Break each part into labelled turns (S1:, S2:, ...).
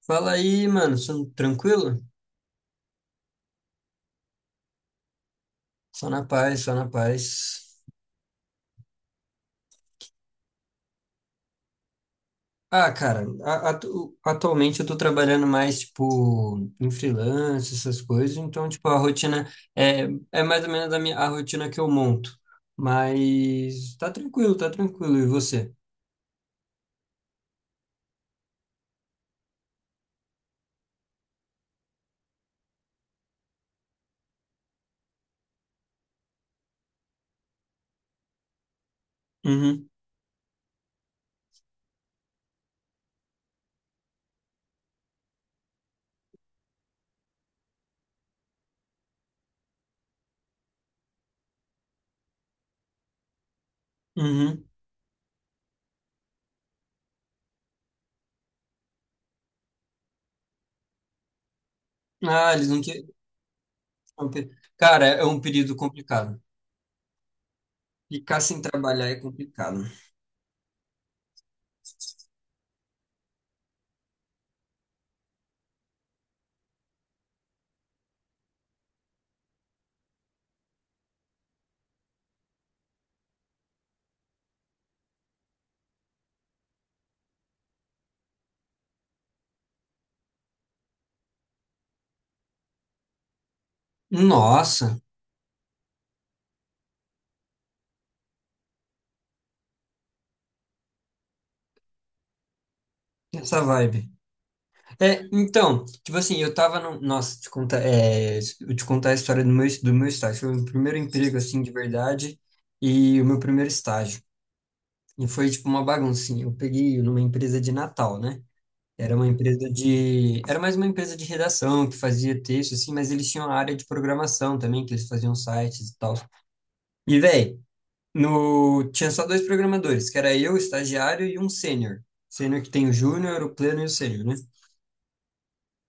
S1: Fala aí, mano, tranquilo? Só na paz, só na paz. Ah, cara, atualmente eu tô trabalhando mais, tipo, em freelance, essas coisas, então, tipo, a rotina é, é mais ou menos a minha, a rotina que eu monto. Mas tá tranquilo, tá tranquilo. E você? Uhum, uhum. Ah, eles não querem. Cara, é um período complicado. Ficar sem trabalhar é complicado. Nossa, essa vibe. É, então, tipo assim, eu tava no. Nossa, te contar, eu te contar a história do meu estágio. Foi o primeiro emprego, assim, de verdade, e o meu primeiro estágio. E foi, tipo, uma baguncinha. Eu peguei numa empresa de Natal, né? Era mais uma empresa de redação, que fazia texto, assim, mas eles tinham a área de programação também, que eles faziam sites e tal. E, véi, no... tinha só dois programadores, que era eu, o estagiário, e um sênior. Sênior que tem o júnior, o pleno e o sênior, né?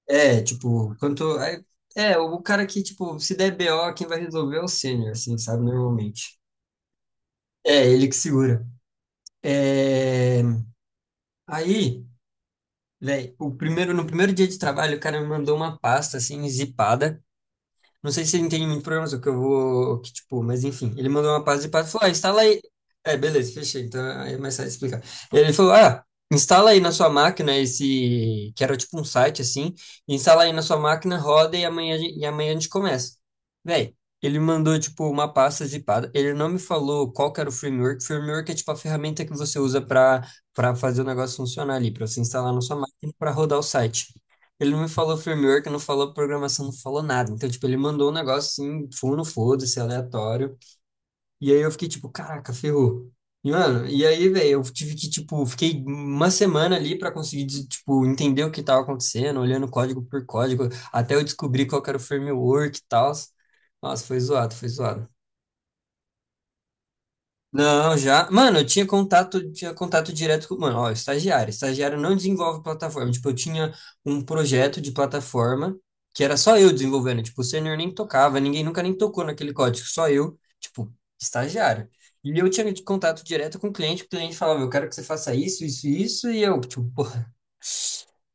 S1: É, tipo, quanto. É, o cara que, tipo, se der BO, quem vai resolver é o sênior, assim, sabe? Normalmente. É, ele que segura. É, aí, velho, no primeiro dia de trabalho, o cara me mandou uma pasta, assim, zipada. Não sei se ele entende muito programação, que eu vou. O Que, tipo, mas enfim, ele mandou uma pasta de pato e falou: ah, instala aí. É, beleza, fechei. Então aí é mais fácil explicar. Ele falou: ah, instala aí na sua máquina esse. Que era tipo um site assim. Instala aí na sua máquina, roda e amanhã, e amanhã a gente começa. Véi, ele mandou tipo uma pasta zipada. Ele não me falou qual que era o framework. Framework é tipo a ferramenta que você usa para fazer o negócio funcionar ali, para você instalar na sua máquina para rodar o site. Ele não me falou framework, não falou programação, não falou nada. Então, tipo, ele mandou um negócio assim, fundo, foda-se, aleatório. E aí eu fiquei tipo, caraca, ferrou. E, mano, e aí, velho, eu tive que, tipo, fiquei uma semana ali pra conseguir, tipo, entender o que tava acontecendo, olhando código por código, até eu descobrir qual que era o framework e tal. Nossa, foi zoado, foi zoado. Não, já. Mano, eu tinha contato direto com. Mano, ó, estagiário. Estagiário não desenvolve plataforma. Tipo, eu tinha um projeto de plataforma que era só eu desenvolvendo. Tipo, o sênior nem tocava, ninguém nunca nem tocou naquele código, só eu, tipo, estagiário. E eu tinha contato direto com o cliente falava, eu quero que você faça isso, isso, e isso, e eu, tipo, porra,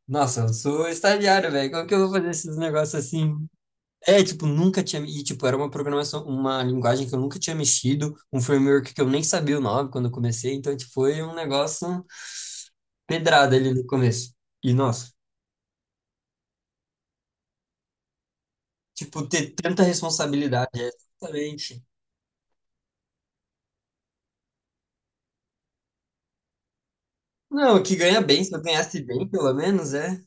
S1: nossa, eu sou estagiário, velho. Como que eu vou fazer esses negócios assim? É, tipo, nunca tinha. E, tipo, era uma programação, uma linguagem que eu nunca tinha mexido, um framework que eu nem sabia o nome quando eu comecei, então, tipo, foi um negócio pedrada ali no começo. E, nossa, tipo, ter tanta responsabilidade, é, exatamente. Não, que ganha bem, se eu ganhasse bem, pelo menos, é.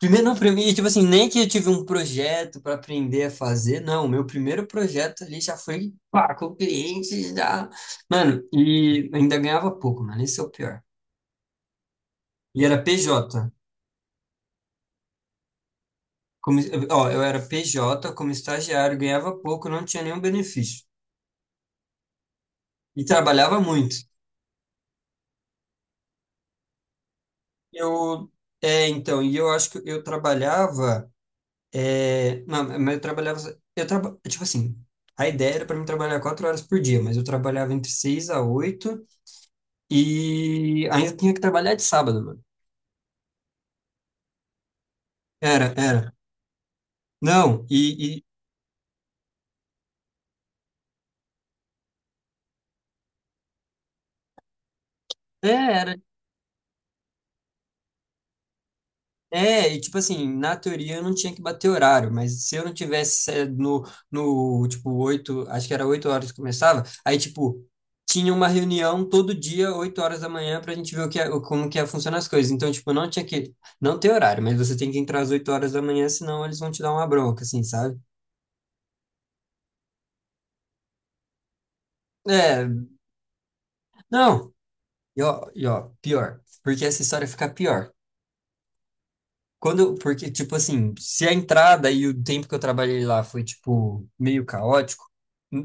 S1: Primeiro, não, pra mim, tipo assim, nem que eu tive um projeto para aprender a fazer, não, meu primeiro projeto ali já foi, pá, com o cliente, já. Mano, e ainda ganhava pouco, mano, esse é o pior. E era PJ. Como, ó, eu era PJ, como estagiário, ganhava pouco, não tinha nenhum benefício. E trabalhava muito. Eu, então, e eu acho que eu trabalhava, é, não, mas eu trabalhava, tipo assim, a ideia era para mim trabalhar 4 horas por dia, mas eu trabalhava entre seis a oito e ainda tinha que trabalhar de sábado, mano. Era, era. Não, e era e tipo assim, na teoria eu não tinha que bater horário, mas se eu não tivesse no, tipo, oito, acho que era 8 horas que começava, aí tipo, tinha uma reunião todo dia, 8 horas da manhã, pra gente ver o que é, como que é, funcionam as coisas. Então, tipo, não ter horário, mas você tem que entrar às 8 horas da manhã, senão eles vão te dar uma bronca, assim, sabe? É, não, e ó, pior, porque essa história fica pior. Porque, tipo assim, se a entrada e o tempo que eu trabalhei lá foi, tipo, meio caótico,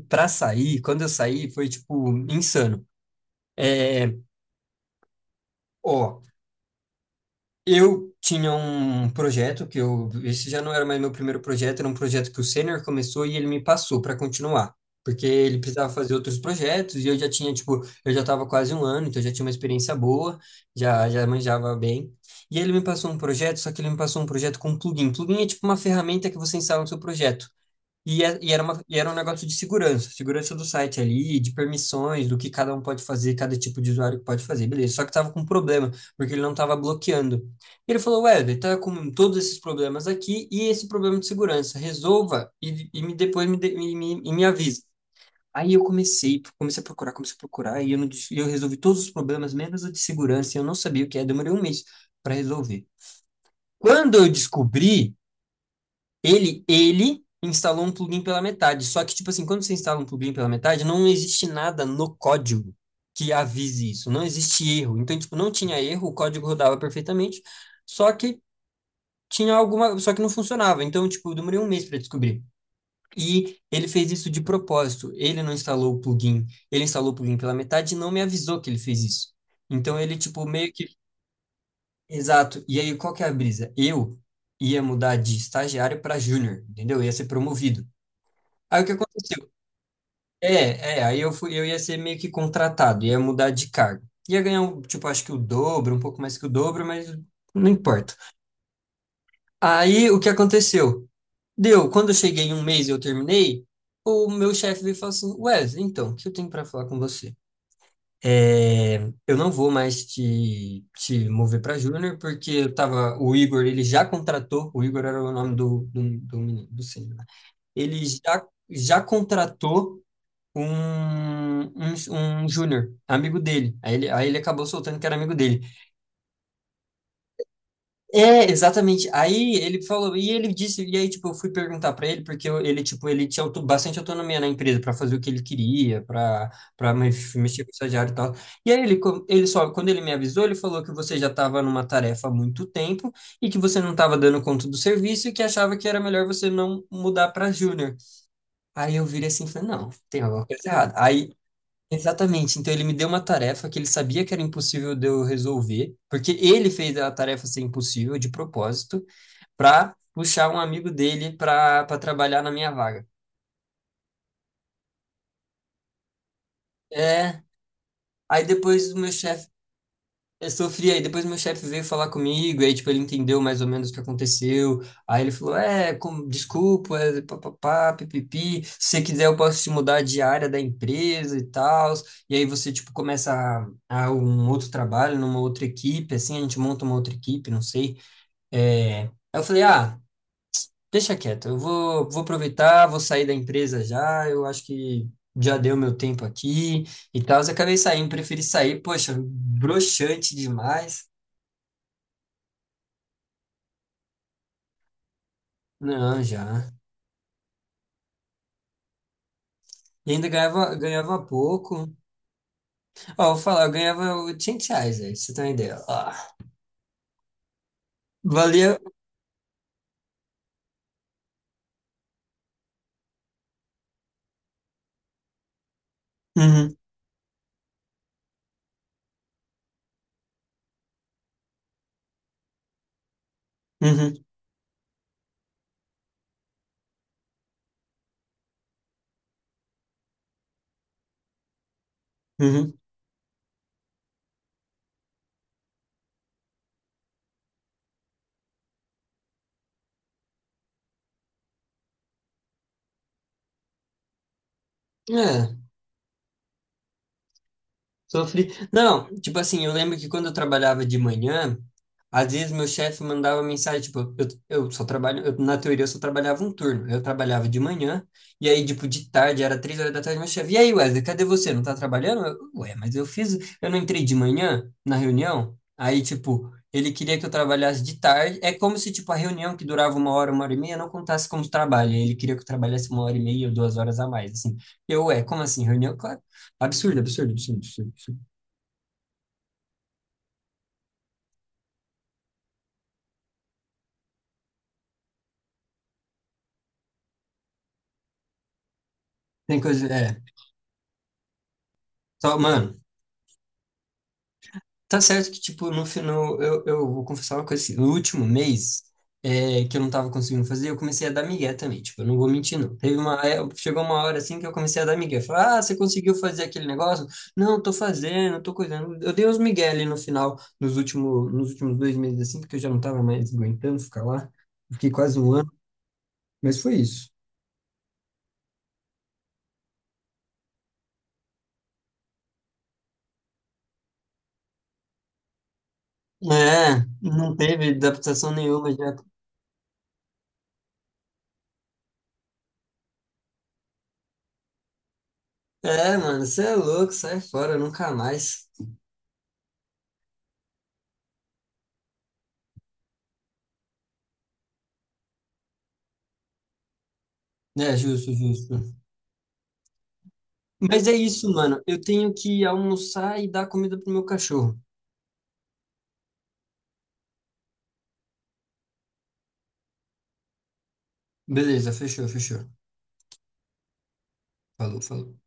S1: pra sair, quando eu saí, foi, tipo, insano. É, ó, eu tinha um projeto esse já não era mais meu primeiro projeto, era um projeto que o sênior começou e ele me passou para continuar, porque ele precisava fazer outros projetos e eu já tinha, tipo, eu já estava quase um ano, então eu já tinha uma experiência boa, já já manjava bem. E ele me passou um projeto, só que ele me passou um projeto com plugin. Plugin é tipo uma ferramenta que você instala no seu projeto. E, e era um negócio de segurança, segurança do site ali, de permissões, do que cada um pode fazer, cada tipo de usuário que pode fazer, beleza. Só que tava com um problema, porque ele não tava bloqueando. Ele falou, Wesley, tá com todos esses problemas aqui e esse problema de segurança, resolva e me, depois me, e me, e me avisa. Comecei a procurar, e eu, não, dis- e eu resolvi todos os problemas, menos o de segurança, e eu não sabia o que é, demorei um mês para resolver. Quando eu descobri, ele instalou um plugin pela metade. Só que, tipo assim, quando você instala um plugin pela metade, não existe nada no código que avise isso. Não existe erro. Então, tipo, não tinha erro, o código rodava perfeitamente, só que só que não funcionava. Então, tipo, eu demorei um mês para descobrir. E ele fez isso de propósito. Ele não instalou o plugin, ele instalou o plugin pela metade e não me avisou que ele fez isso. Então ele tipo meio que exato. E aí qual que é a brisa? Eu ia mudar de estagiário para júnior, entendeu? Ia ser promovido. Aí o que aconteceu? É, eu ia ser meio que contratado, ia mudar de cargo. Ia ganhar, um, tipo, acho que o dobro, um pouco mais que o dobro, mas não importa. Aí o que aconteceu? Quando eu cheguei em um mês e eu terminei, o meu chefe veio e falou assim: Wesley, então, o que eu tenho para falar com você? É, eu não vou mais te mover para júnior, porque o Igor, ele já contratou, o Igor era o nome do menino, do sênior, né? Ele já contratou um júnior, amigo dele. Aí ele acabou soltando que era amigo dele. É, exatamente. Aí ele falou, e ele disse, e aí, tipo, eu fui perguntar pra ele, porque ele, tipo, ele tinha bastante autonomia na empresa pra fazer o que ele queria, pra para mexer com o estagiário e tal. E aí ele, co- ele só, quando ele me avisou, ele falou que você já estava numa tarefa há muito tempo e que você não estava dando conta do serviço e que achava que era melhor você não mudar pra júnior. Aí eu virei assim e falei, não, tem alguma coisa errada. Aí Exatamente. Então ele me deu uma tarefa que ele sabia que era impossível de eu resolver, porque ele fez a tarefa ser impossível de propósito para puxar um amigo dele para trabalhar na minha vaga. É. Aí depois o meu chefe Eu sofri, aí depois meu chefe veio falar comigo, aí tipo, ele entendeu mais ou menos o que aconteceu, aí ele falou, desculpa, papapá, pipipi, se você quiser eu posso te mudar de área da empresa e tal, e aí você, tipo, começa a um outro trabalho, numa outra equipe, assim, a gente monta uma outra equipe, não sei, é... Aí eu falei, ah, deixa quieto, eu vou aproveitar, vou sair da empresa já, eu acho que já deu meu tempo aqui e tal, acabei saindo, preferi sair, poxa, broxante demais, não, já. E ainda ganhava pouco. Ó, eu vou falar, eu ganhava R$ 800, aí, pra você ter uma ideia. Ó, valia. Uhum, uhum, uhum. É. Sofri. Não, tipo assim, eu lembro que quando eu trabalhava de manhã, às vezes meu chefe mandava mensagem, tipo, eu só trabalho, na teoria eu só trabalhava um turno. Eu trabalhava de manhã, e aí, tipo, de tarde, era 3 horas da tarde, meu chefe, e aí, Wesley, cadê você? Não tá trabalhando? Ué, mas eu fiz, eu não entrei de manhã na reunião? Aí, tipo, ele queria que eu trabalhasse de tarde. É como se, tipo, a reunião que durava uma hora e meia, não contasse como trabalho. Aí ele queria que eu trabalhasse uma hora e meia ou 2 horas a mais, assim. Eu, ué, como assim, reunião? Claro, absurdo, absurdo, absurdo, absurdo. Tem coisa, é. Só, mano, tá certo que, tipo, no final, eu vou confessar uma coisa assim. No último mês, que eu não tava conseguindo fazer, eu comecei a dar migué também. Tipo, eu não vou mentir, não. Chegou uma hora assim que eu comecei a dar migué. Falar, ah, você conseguiu fazer aquele negócio? Não, tô fazendo, tô cuidando. Eu dei uns migué ali no final, nos últimos 2 meses, assim, porque eu já não tava mais aguentando ficar lá. Fiquei quase um ano, mas foi isso. É, não teve adaptação nenhuma já. É, mano, você é louco, sai fora, nunca mais. É, justo, justo. Mas é isso, mano. Eu tenho que almoçar e dar comida pro meu cachorro. Beleza, fechou, fechou. Falou, falou.